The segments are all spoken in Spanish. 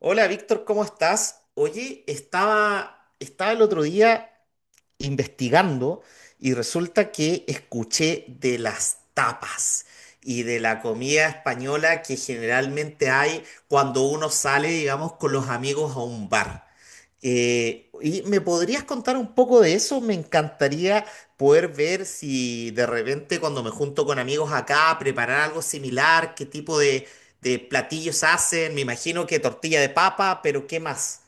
Hola Víctor, ¿cómo estás? Oye, estaba el otro día investigando y resulta que escuché de las tapas y de la comida española que generalmente hay cuando uno sale, digamos, con los amigos a un bar. ¿Y me podrías contar un poco de eso? Me encantaría poder ver si de repente cuando me junto con amigos acá preparar algo similar, qué tipo de platillos hacen. Me imagino que tortilla de papa, pero ¿qué más?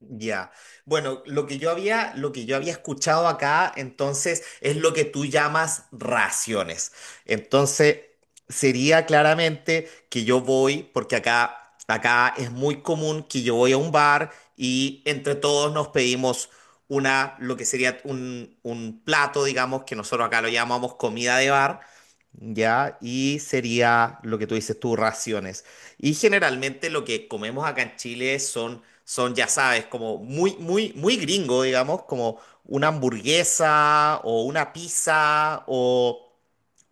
Ya. Bueno, lo que yo había escuchado acá, entonces, es lo que tú llamas raciones. Entonces, sería claramente que yo voy, porque acá es muy común que yo voy a un bar y entre todos nos pedimos una, lo que sería un plato, digamos, que nosotros acá lo llamamos comida de bar, ¿ya? Y sería lo que tú dices tú, raciones. Y generalmente lo que comemos acá en Chile son, ya sabes, como muy, muy, muy gringo, digamos, como una hamburguesa o una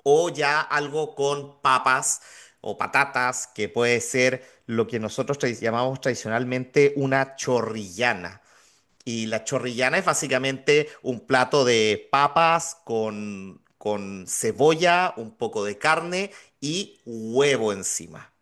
o ya algo con papas o patatas, que puede ser lo que nosotros llamamos tradicionalmente una chorrillana. Y la chorrillana es básicamente un plato de papas con cebolla, un poco de carne y huevo encima.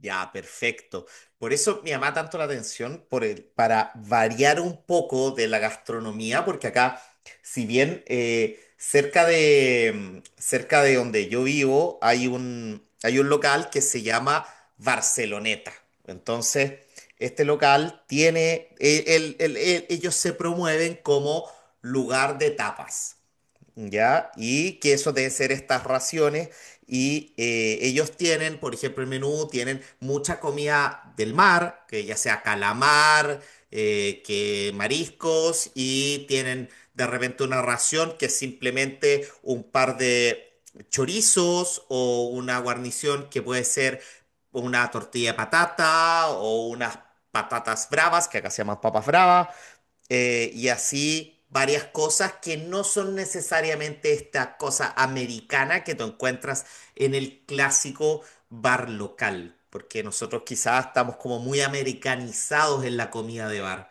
Ya, perfecto. Por eso me llama tanto la atención por para variar un poco de la gastronomía, porque acá, si bien cerca de, cerca de donde yo vivo hay un local que se llama Barceloneta. Entonces, este local tiene, ellos se promueven como lugar de tapas. ¿Ya? Y que eso deben ser estas raciones. Y ellos tienen, por ejemplo, el menú, tienen mucha comida del mar, que ya sea calamar, que mariscos, y tienen de repente una ración que es simplemente un par de chorizos o una guarnición que puede ser una tortilla de patata o unas patatas bravas, que acá se llaman papas bravas, y así varias cosas que no son necesariamente esta cosa americana que tú encuentras en el clásico bar local, porque nosotros quizás estamos como muy americanizados en la comida de bar.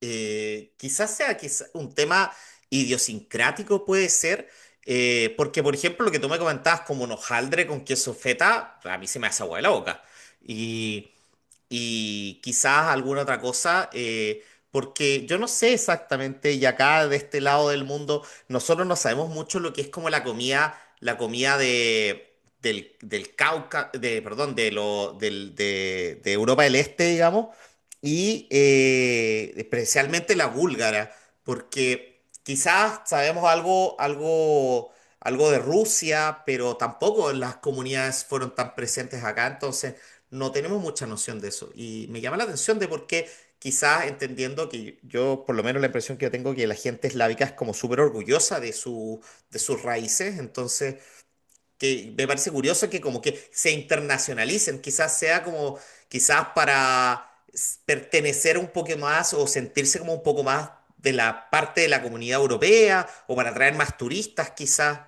Quizás sea un tema idiosincrático, puede ser, porque por ejemplo lo que tú me comentabas como un hojaldre con queso feta, a mí se me hace agua de la boca. y y quizás alguna otra cosa, porque yo no sé exactamente, y acá de este lado del mundo, nosotros no sabemos mucho lo que es como la comida del Cauca, perdón, de Europa del Este, digamos, y especialmente la búlgara, porque quizás sabemos algo, algo... Algo de Rusia, pero tampoco las comunidades fueron tan presentes acá, entonces no tenemos mucha noción de eso. Y me llama la atención de por qué, quizás entendiendo que yo, por lo menos la impresión que yo tengo, que la gente eslávica es como súper orgullosa de de sus raíces, entonces que me parece curioso que como que se internacionalicen, quizás sea como, pertenecer un poco más o sentirse como un poco más de la parte de la comunidad europea o para atraer más turistas, quizás.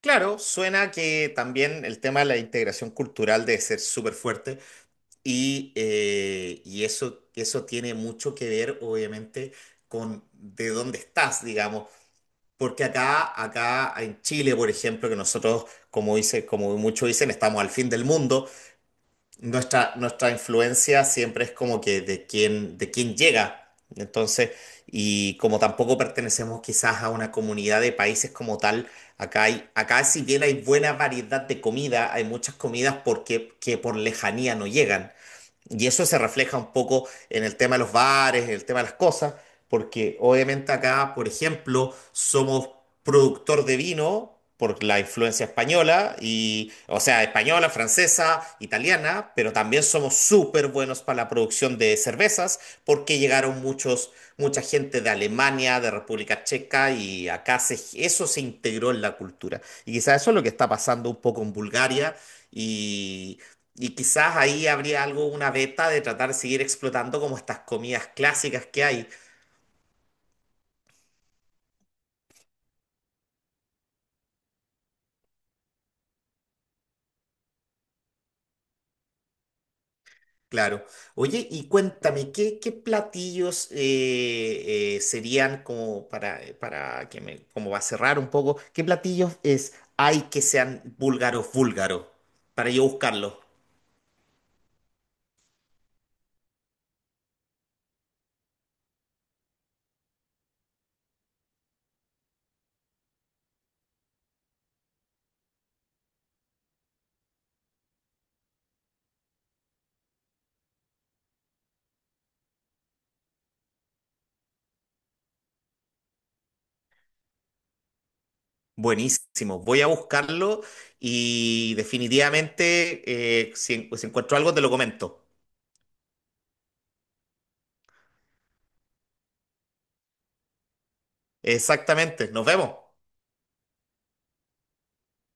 Claro, suena que también el tema de la integración cultural debe ser súper fuerte. Y, y eso, eso tiene mucho que ver, obviamente, con de dónde estás, digamos. Porque acá en Chile, por ejemplo, que nosotros, como dice, como muchos dicen, estamos al fin del mundo, nuestra influencia siempre es como que de de quién llega. Entonces, y como tampoco pertenecemos quizás a una comunidad de países como tal, acá si bien hay buena variedad de comida, hay muchas comidas que por lejanía no llegan. Y eso se refleja un poco en el tema de los bares, en el tema de las cosas, porque obviamente acá, por ejemplo, somos productor de vino por la influencia española, y, o sea, española, francesa, italiana, pero también somos súper buenos para la producción de cervezas, porque llegaron mucha gente de Alemania, de República Checa, y eso se integró en la cultura. Y quizás eso es lo que está pasando un poco en Bulgaria. Y quizás ahí habría algo, una beta de tratar de seguir explotando como estas comidas clásicas que hay. Claro. Oye, y cuéntame, ¿qué platillos serían como para que me, como va a cerrar un poco, qué platillos es, hay que sean búlgaros, para yo buscarlos? Buenísimo, voy a buscarlo y definitivamente si encuentro algo te lo comento. Exactamente, nos vemos.